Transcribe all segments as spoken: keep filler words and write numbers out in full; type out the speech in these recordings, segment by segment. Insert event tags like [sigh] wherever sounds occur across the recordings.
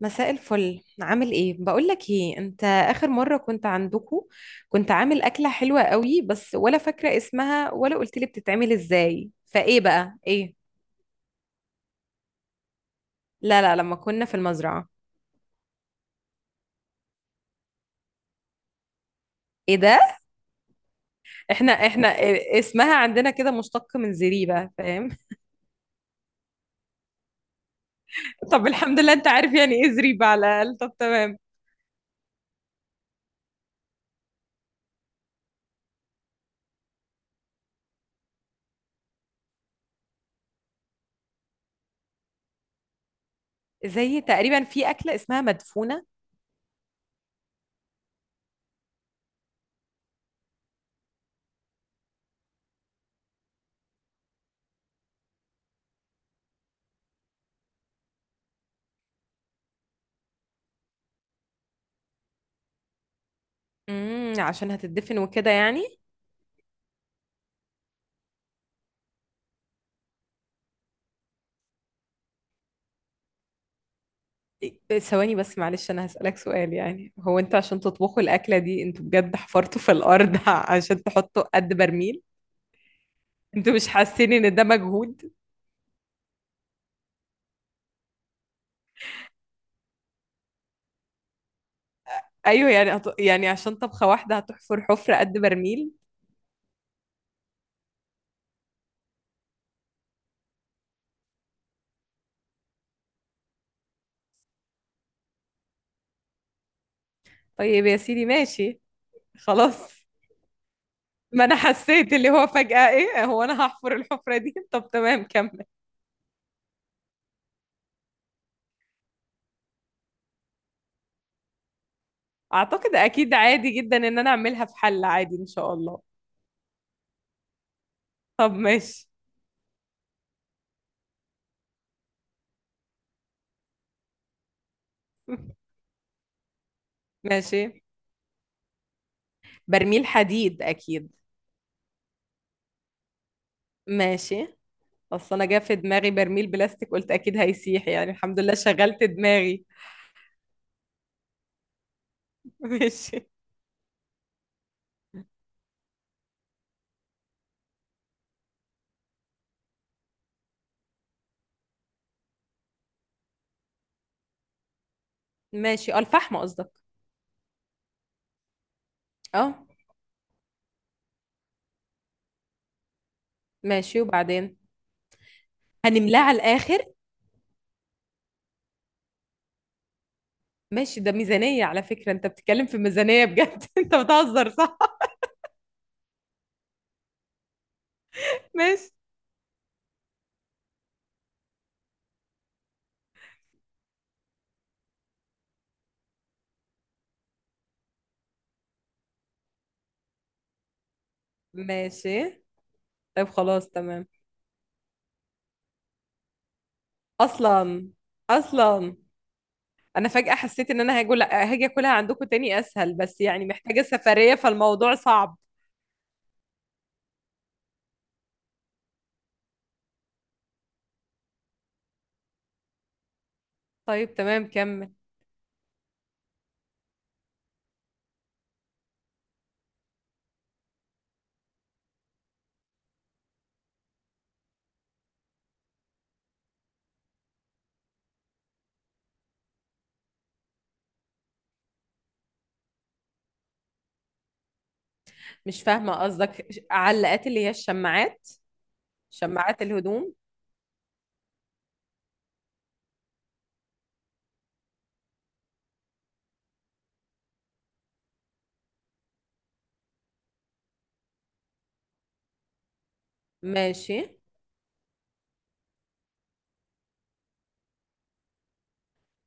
مساء الفل، عامل ايه؟ بقول لك ايه، انت اخر مره كنت عندكو كنت عامل اكله حلوه قوي، بس ولا فاكره اسمها ولا قلت لي بتتعمل ازاي، فايه بقى؟ ايه؟ لا لا، لما كنا في المزرعه. ايه ده؟ احنا احنا إيه- اسمها عندنا كده مشتق من زريبه، فاهم؟ [laughs] طب الحمد لله، انت عارف يعني ايه زريبه على الاقل، طب تمام. زي تقريبا في اكله اسمها مدفونه. امم عشان هتدفن وكده يعني. ثواني بس معلش، انا هسألك سؤال، يعني هو انتوا عشان تطبخوا الاكلة دي انتوا بجد حفرتوا في الارض [laughs] عشان تحطوا قد برميل؟ انتوا مش حاسين ان ده مجهود؟ ايوه، يعني هت... يعني عشان طبخة واحدة هتحفر حفرة قد برميل؟ طيب يا سيدي، ماشي. خلاص. ما انا حسيت اللي هو فجأة ايه، هو انا هحفر الحفرة دي؟ [laughs] طب تمام، كمل. اعتقد اكيد عادي جدا ان انا اعملها في حل عادي ان شاء الله. طب ماشي. [laughs] ماشي. برميل حديد اكيد. ماشي. اصل انا جا في دماغي برميل بلاستيك، قلت اكيد هيسيح، يعني الحمد لله شغلت دماغي. [laughs] ماشي. ماشي، اه، الفحم قصدك. اه. ماشي، وبعدين؟ هنملاه على الاخر؟ ماشي، ده ميزانية على فكرة، انت بتتكلم في ميزانية بجد [laughs] انت بتهزر صح؟ ماشي. ماشي. طيب خلاص تمام. اصلا. اصلا. انا فجأة حسيت ان انا هاجي هاجي اكلها عندكم تاني اسهل، بس يعني محتاجة سفرية، فالموضوع صعب. طيب تمام، كمل. مش فاهمة قصدك، علقات اللي هي الشماعات؟ شماعات الهدوم. ماشي.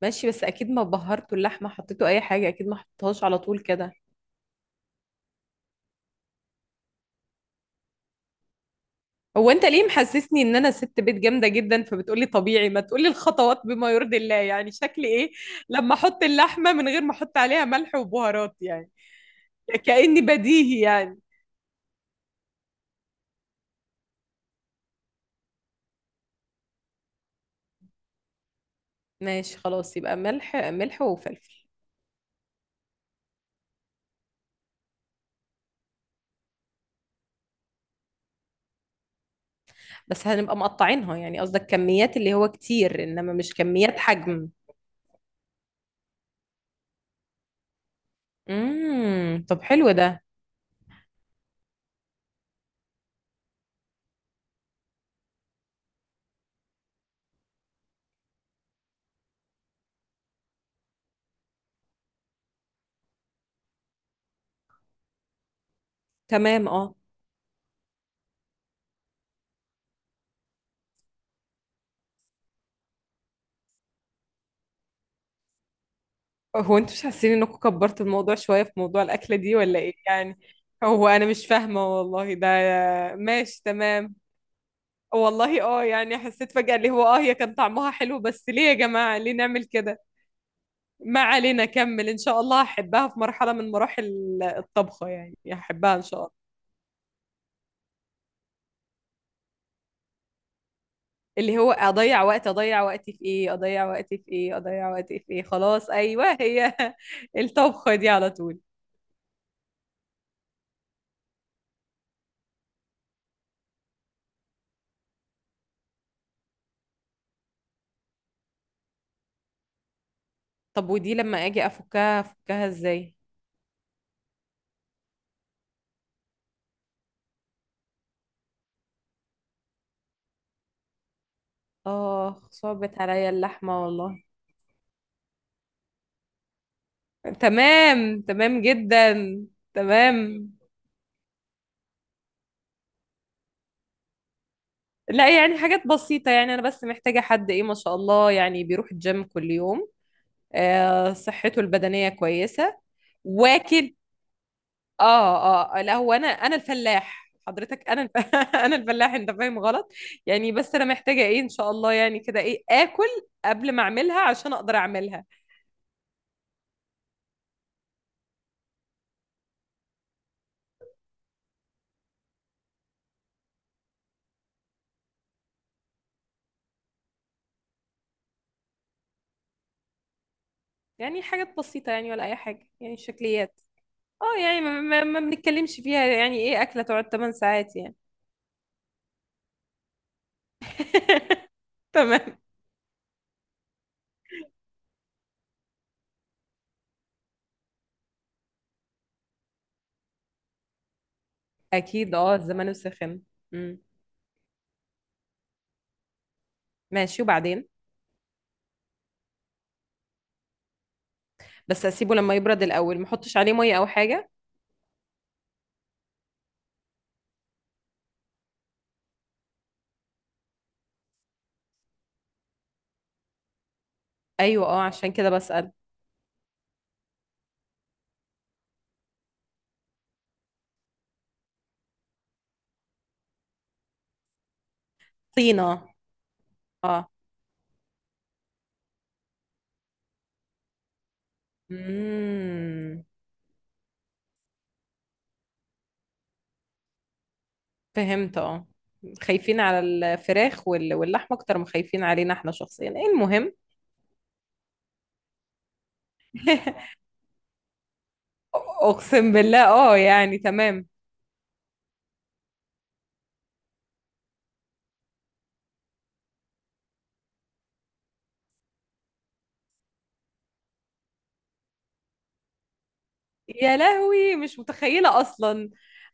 ماشي، بس اكيد ما بهرته اللحمه حطيته اي حاجه، اكيد ما حطيتهاش على طول كده. هو انت ليه محسسني ان انا ست بيت جامده جدا، فبتقولي طبيعي، ما تقولي الخطوات بما يرضي الله، يعني شكلي ايه لما احط اللحمه من غير ما احط عليها ملح وبهارات، يعني كأني بديهي يعني. ماشي خلاص، يبقى ملح ملح وفلفل. بس هنبقى مقطعينها يعني، قصدك كميات اللي هو كتير، انما مش كميات حجم. امم طب، حلو ده. تمام اه. هو انتوا مش حاسين انكم كبرتوا الموضوع شوية في موضوع الأكلة دي ولا ايه يعني؟ هو انا مش فاهمة والله ده. ماشي تمام. والله اه يعني، حسيت فجأة اللي هو اه هي كان طعمها حلو، بس ليه يا جماعة ليه نعمل كده؟ ما علينا، كمل، ان شاء الله هحبها في مرحلة من مراحل الطبخة، يعني هحبها ان شاء الله. اللي هو اضيع وقت، اضيع وقتي في ايه، اضيع وقتي في ايه، اضيع وقتي في ايه، خلاص ايوه، هي [laughs] الطبخة دي على طول. طب ودي لما اجي افكها افكها ازاي؟ اه، صعبت عليا اللحمة والله. تمام، تمام جدا. تمام. لا يعني حاجات بسيطة يعني، أنا بس محتاجة حد إيه، ما شاء الله، يعني بيروح الجيم كل يوم. آه، صحته البدنية كويسة. واكل. اه اه، لا هو أنا أنا الفلاح حضرتك، أنا الف... [laughs] أنا الفلاح، أنت فاهم غلط. يعني بس أنا محتاجة إيه إن شاء الله يعني كده، إيه آكل قبل ما أعملها عشان أقدر أعملها. يعني حاجات بسيطة يعني، ولا أي حاجة، يعني شكليات. اه يعني ما, ما, ما بنتكلمش فيها، يعني ايه اكله تقعد ثماني ساعات يعني؟ [laughs] تمام. اكيد، اه الزمن السخن. امم. ماشي، وبعدين؟ بس اسيبه لما يبرد الاول، ما احطش عليه ميه او حاجه؟ ايوه، اه عشان كده بسأل. طينه. اه. امم. فهمت اه. خايفين على الفراخ وال- واللحمه اكتر ما خايفين علينا احنا شخصيا، المهم. [laughs] اقسم بالله، اه يعني تمام. يا لهوي، مش متخيلة أصلا.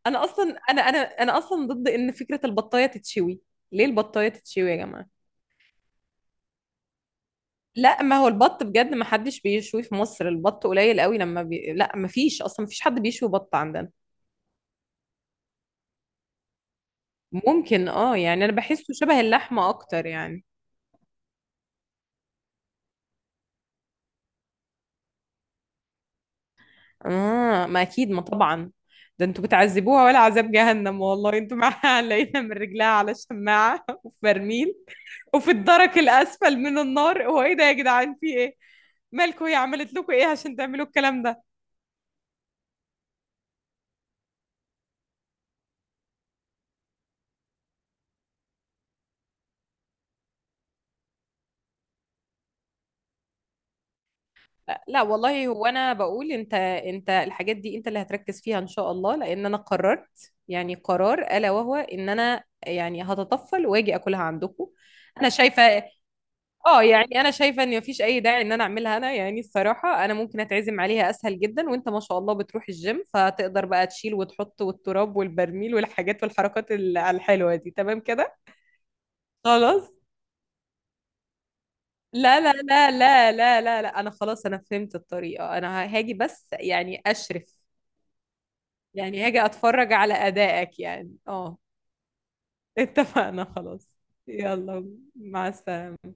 أنا أصلا أنا أنا أنا أصلا ضد إن فكرة البطاية تتشوي. ليه البطاية تتشوي يا جماعة؟ لا ما هو البط بجد ما حدش بيشوي في مصر، البط قليل قوي، لما بي... لا ما فيش أصلا، ما فيش حد بيشوي بط عندنا. ممكن، اه يعني أنا بحسه شبه اللحمة أكتر يعني. آه، ما أكيد ما طبعا. ده انتوا بتعذبوها، ولا عذاب جهنم والله انتوا معاها [laughs] لقينا من رجلها على شماعة [laughs] وفي برميل، وفي الدرك الأسفل من النار، هو ايه ده يا جدعان، في ايه؟ مالكوا هي عملت لكم ايه عشان تعملوا الكلام ده؟ لا والله، هو انا بقول انت انت الحاجات دي، انت اللي هتركز فيها ان شاء الله، لان انا قررت، يعني قرار الا وهو ان انا يعني هتطفل واجي اكلها عندكم. انا شايفه. اه يعني انا شايفه ان مفيش اي داعي ان انا اعملها انا، يعني الصراحه انا ممكن اتعزم عليها اسهل جدا، وانت ما شاء الله بتروح الجيم، فتقدر بقى تشيل وتحط، والتراب والبرميل والحاجات والحركات ال- الحلوه دي تمام كده. خلاص. لا لا لا لا لا لا لا، انا خلاص، انا فهمت الطريقه، انا ه- هاجي، بس يعني اشرف. يعني هاجي اتفرج على ادائك يعني اه. اتفقنا خلاص. يلا، مع السلامه.